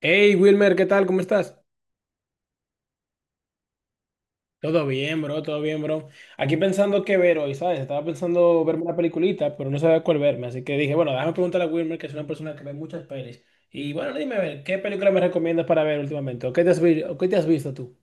Hey Wilmer, ¿qué tal? ¿Cómo estás? Todo bien, bro, todo bien, bro. Aquí pensando qué ver hoy, ¿sabes? Estaba pensando verme una peliculita, pero no sabía cuál verme, así que dije, bueno, déjame preguntarle a Wilmer, que es una persona que ve muchas pelis. Y bueno, dime, a ver, ¿qué película me recomiendas para ver últimamente? ¿O qué te has visto tú?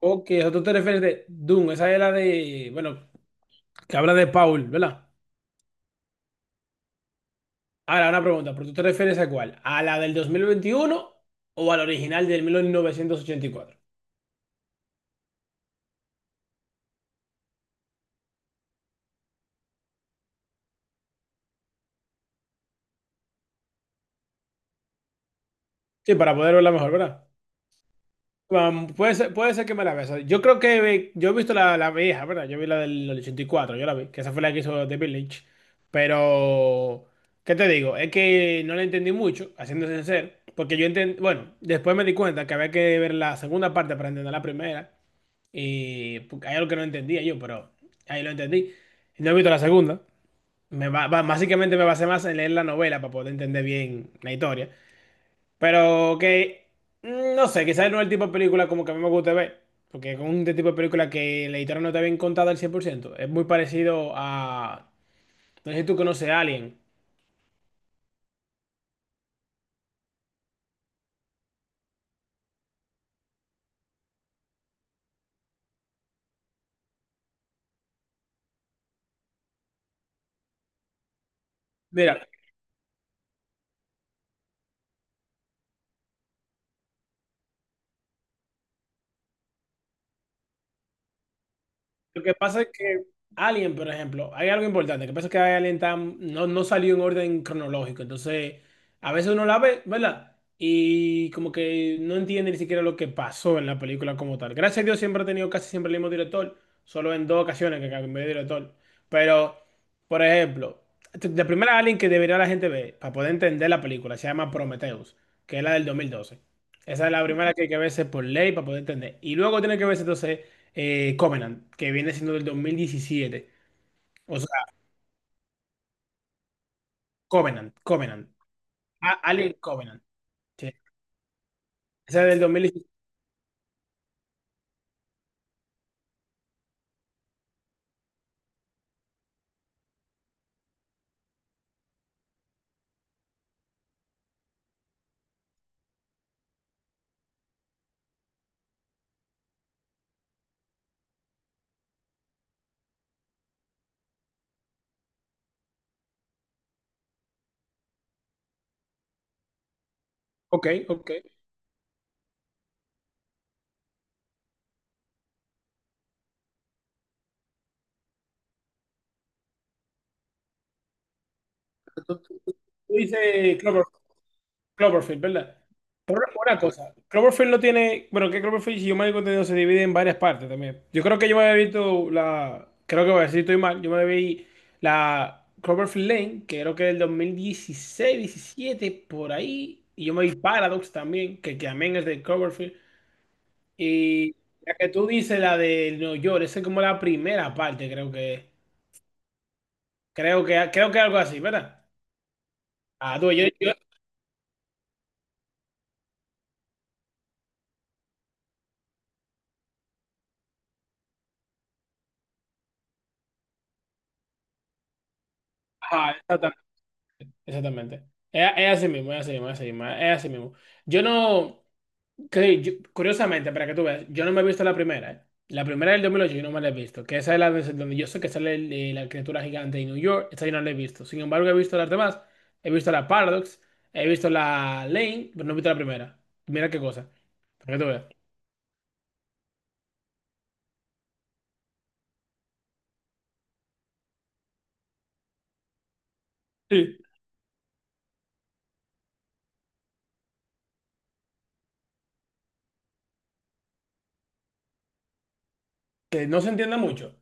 Ok, o sea, tú te refieres de Doom, esa es la de, bueno, que habla de Paul, ¿verdad? Ahora, una pregunta, ¿pero tú te refieres a cuál? ¿A la del 2021 o a la original del 1984? Sí, para poder verla mejor, ¿verdad? Puede ser, puede ser que me la vea. O sea, yo creo que yo he visto la vieja, ¿verdad? Yo vi la del 84, yo la vi, que esa fue la que hizo The Village. Pero, ¿qué te digo? Es que no la entendí mucho, haciéndose sincero, porque yo entendí, bueno, después me di cuenta que había que ver la segunda parte para entender la primera, y porque hay algo que no entendía yo, pero ahí lo entendí. No he visto la segunda. Básicamente me basé más en leer la novela para poder entender bien la historia. Pero que, no sé, quizás no es el tipo de película como que a mí me gusta ver. Porque es un tipo de película que la historia no está bien contada al 100%. Es muy parecido a... No sé si tú conoces a Alien. Mira, lo que pasa es que Alien, por ejemplo, hay algo importante. Lo que pasa es que Alien no, no salió en orden cronológico. Entonces, a veces uno la ve, ¿verdad? Y como que no entiende ni siquiera lo que pasó en la película como tal. Gracias a Dios siempre ha tenido casi siempre el mismo director. Solo en dos ocasiones que cambió de director. Pero, por ejemplo, la primera Alien que debería la gente ver para poder entender la película se llama Prometheus, que es la del 2012. Esa es la primera que hay que verse por ley para poder entender. Y luego tiene que verse entonces Covenant, que viene siendo del 2017, o sea, Covenant, Covenant. Alien Covenant. Sí. Esa es del 2017. Ok, ok. Tú dices Cloverfield, ¿verdad? Pero una cosa, Cloverfield no tiene. Bueno, que Cloverfield, si yo me he contenido, se divide en varias partes también. Yo creo que yo me había visto la. Creo que voy a decir, estoy mal. Yo me vi la Cloverfield Lane, que creo que es del 2016, 17 por ahí. Y yo me vi Paradox también, que también es de Cloverfield. Y la que tú dices, la de New York, esa es como la primera parte, creo que. Creo que algo así, ¿verdad? Ah, ajá, exactamente. Exactamente. Es así mismo, es así mismo, es así mismo, es así mismo. Yo no, curiosamente, para que tú veas, yo no me he visto la primera, ¿eh? La primera del 2008 yo no me la he visto, que esa es donde yo sé que sale la criatura gigante de New York, esa yo no la he visto. Sin embargo, he visto las demás, he visto la Paradox, he visto la Lane, pero no he visto la primera. Mira qué cosa, para que tú veas. Que no se entienda mucho.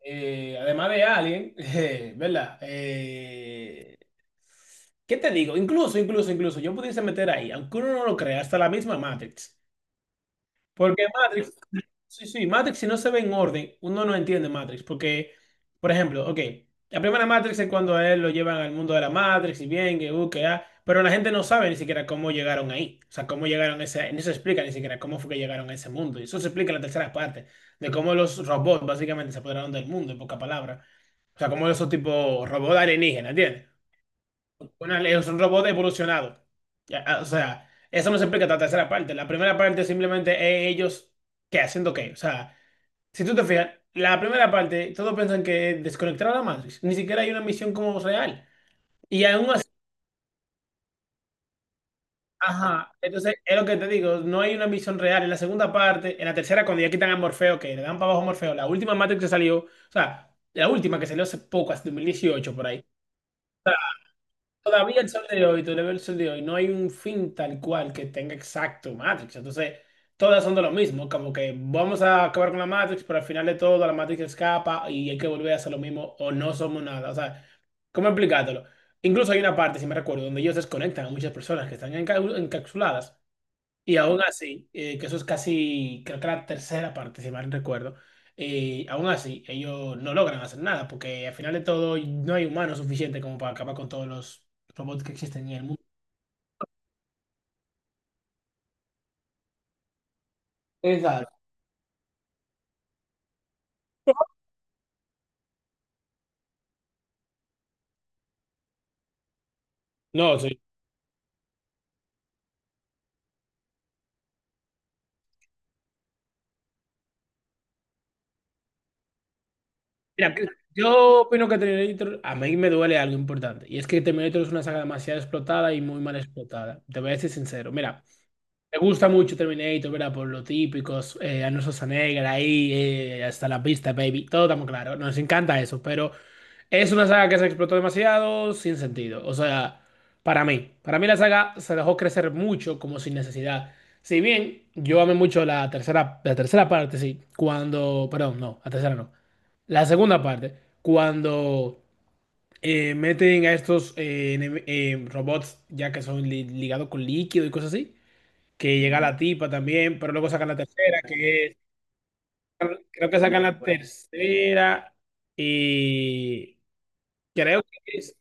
Además de Alien, ¿verdad? ¿Qué te digo? Incluso, incluso, incluso, yo pudiese meter ahí, aunque uno no lo crea, hasta la misma Matrix. Porque Matrix. Sí, sí, Matrix si no se ve en orden, uno no entiende Matrix, porque, por ejemplo, ok, la primera Matrix es cuando a él lo llevan al mundo de la Matrix y bien, que, ah, pero la gente no sabe ni siquiera cómo llegaron ahí, o sea, cómo llegaron a ese, no se explica ni siquiera cómo fue que llegaron a ese mundo, y eso se explica en la tercera parte, de cómo los robots básicamente se apoderaron del mundo, en pocas palabras, o sea, como esos tipo robots alienígenas, ¿entiendes? Es un robot evolucionado. Ya, ah, o sea, eso no se explica en la tercera parte, la primera parte simplemente es ellos, ¿qué? ¿Haciendo qué? O sea... Si tú te fijas, la primera parte, todos piensan que es desconectar a la Matrix. Ni siquiera hay una misión como real. Y aún así, ajá, entonces es lo que te digo, no hay una misión real. En la segunda parte, en la tercera, cuando ya quitan a Morfeo, que le dan para abajo a Morfeo, la última Matrix que salió, o sea, la última que salió hace poco, hace 2018 por ahí. Todavía el sol de hoy, todavía el sol de hoy, no hay un fin tal cual que tenga exacto Matrix. Entonces, todas son de lo mismo, como que vamos a acabar con la Matrix, pero al final de todo la Matrix escapa y hay que volver a hacer lo mismo o no somos nada. O sea, ¿cómo explicártelo? Incluso hay una parte, si me recuerdo, donde ellos desconectan a muchas personas que están encapsuladas y aún así, que eso es casi, creo que la tercera parte, si mal recuerdo, aún así ellos no logran hacer nada porque al final de todo no hay humanos suficiente como para acabar con todos los robots que existen en el mundo. Exacto. No, sí. Mira, yo opino que Terminator, a mí me duele algo importante, y es que Terminator es una saga demasiado explotada y muy mal explotada. Te voy a decir sincero, mira. Me gusta mucho Terminator, ¿verdad? Por lo típicos, Arnold Schwarzenegger ahí, hasta la pista, baby. Todo estamos claro. Nos encanta eso, pero es una saga que se explotó demasiado sin sentido. O sea, para mí. Para mí la saga se dejó crecer mucho como sin necesidad. Si bien yo amé mucho la tercera parte, sí. Cuando, perdón, no, la tercera no. La segunda parte, cuando meten a estos robots ya que son ligados con líquido y cosas así que llega la tipa también, pero luego sacan la tercera, creo que sacan la tercera y creo que es,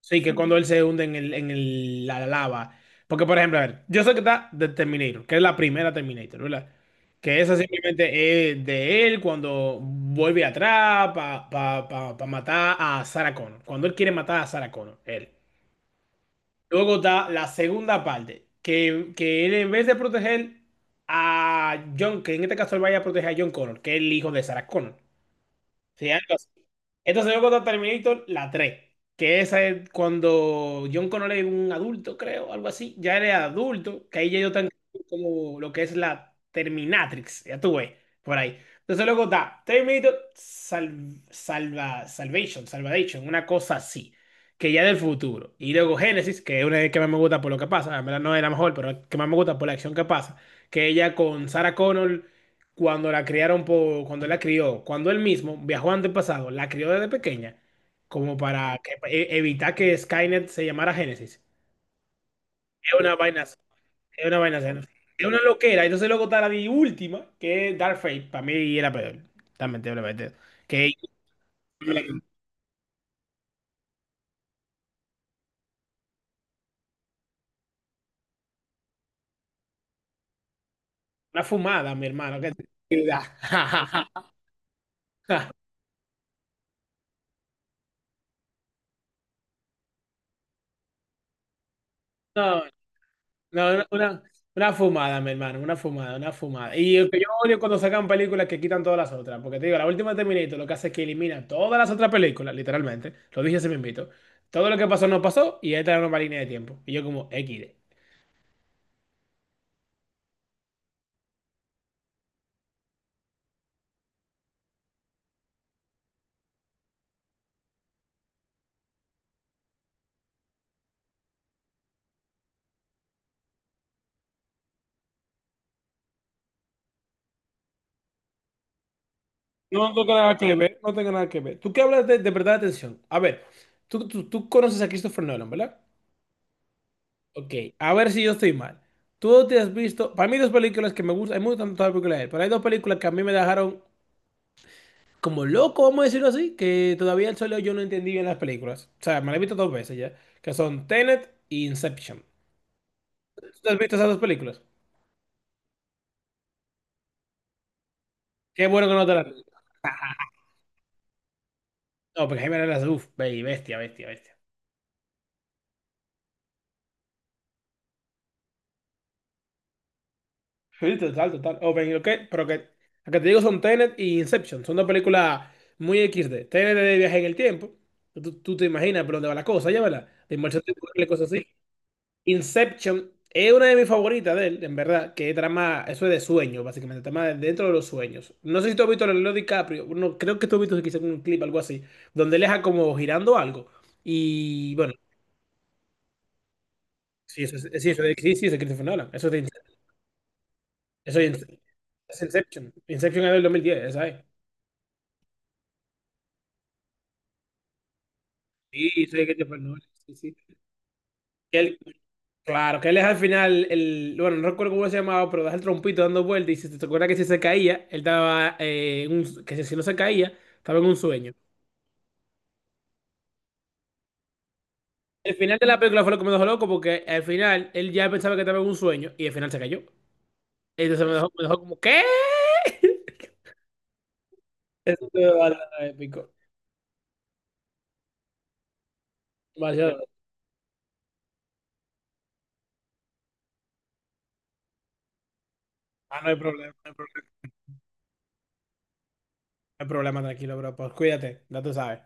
sí, que cuando él se hunde en la lava. Porque, por ejemplo, a ver, yo sé que está de Terminator, que es la primera Terminator, ¿verdad? Que esa simplemente es de él cuando vuelve atrás para matar a Sarah Connor. Cuando él quiere matar a Sarah Connor, él. Luego está la segunda parte, que él en vez de proteger a John, que en este caso él vaya a proteger a John Connor, que es el hijo de Sarah Connor. Sí, algo así. Entonces luego está Terminator, la 3, que esa es cuando John Connor es un adulto, creo, algo así. Ya eres adulto, que ahí ya yo tan como lo que es la Terminatrix, ya tú ves, por ahí. Entonces luego está Terminator Salvation, una cosa así, que ya es del futuro. Y luego Genesis, que es una de las que más me gusta por lo que pasa, en verdad no es la mejor, pero es la que más me gusta por la acción que pasa, que ella con Sarah Connor cuando la criaron por, cuando él la crió, cuando él mismo viajó antepasado, la crió desde pequeña, como para evitar que Skynet se llamara Génesis. Es una vaina, es una vaina, es una loquera. Entonces luego está la última, que es Dark Fate, para mí era peor, también te lo prometo. Que una fumada, mi hermano, que No, no, una fumada, mi hermano, una fumada, una fumada. Y el que yo odio cuando sacan películas que quitan todas las otras, porque te digo, la última de Terminator lo que hace es que elimina todas las otras películas, literalmente, lo dije se me invito. Todo lo que pasó no pasó y esta es una línea de tiempo. Y yo como XD. No tengo nada que ver, no tengo nada que ver. Tú qué hablas de, verdad de atención. A ver, tú conoces a Christopher Nolan, ¿verdad? Ok, a ver si yo estoy mal. Tú te has visto, para mí hay dos películas que me gustan, hay me gustan todas las películas de él, pero hay dos películas que a mí me dejaron como loco, vamos a decirlo así, que todavía el solo yo no entendí bien las películas. O sea, me las he visto dos veces ya, que son Tenet y Inception. ¿Tú has visto esas dos películas? Qué bueno que no te las... No, porque Jaime las... Uf, baby, bestia, bestia, bestia. Sí, total, total. O ven, ok, pero que... Lo que te digo son Tenet y Inception. Son dos películas muy equis de Tenet es de viaje en el tiempo. Tú te imaginas por dónde va la cosa, ya, ¿verdad? De inmersión temporal y cosas así. Inception es una de mis favoritas de él, en verdad, que es trama, eso es de sueños, básicamente, trama dentro de los sueños. No sé si tú has visto a Leonardo DiCaprio, no, creo que tú has visto quizás un clip, algo así, donde él deja como girando algo. Y bueno, sí, eso es, sí, eso es, sí, sí, eso es Christopher Nolan, eso es, de eso es es Inception. Inception es del 2010, ¿sabes? Sí, eso es Christopher Nolan, sí, sí. Claro, que él es al final, el, bueno, no recuerdo cómo se llamaba, pero das el trompito dando vueltas y si te acuerdas que si se caía, él estaba que si no se caía, estaba en un sueño. El final de la película fue lo que me dejó loco porque al final él ya pensaba que estaba en un sueño y al final se cayó. Entonces me dejó como, ¿qué? Eso te épico. Demasiado. Ah, no hay problema, no hay problema, no hay problema, tranquilo, bro. Pues cuídate, ya tú sabes.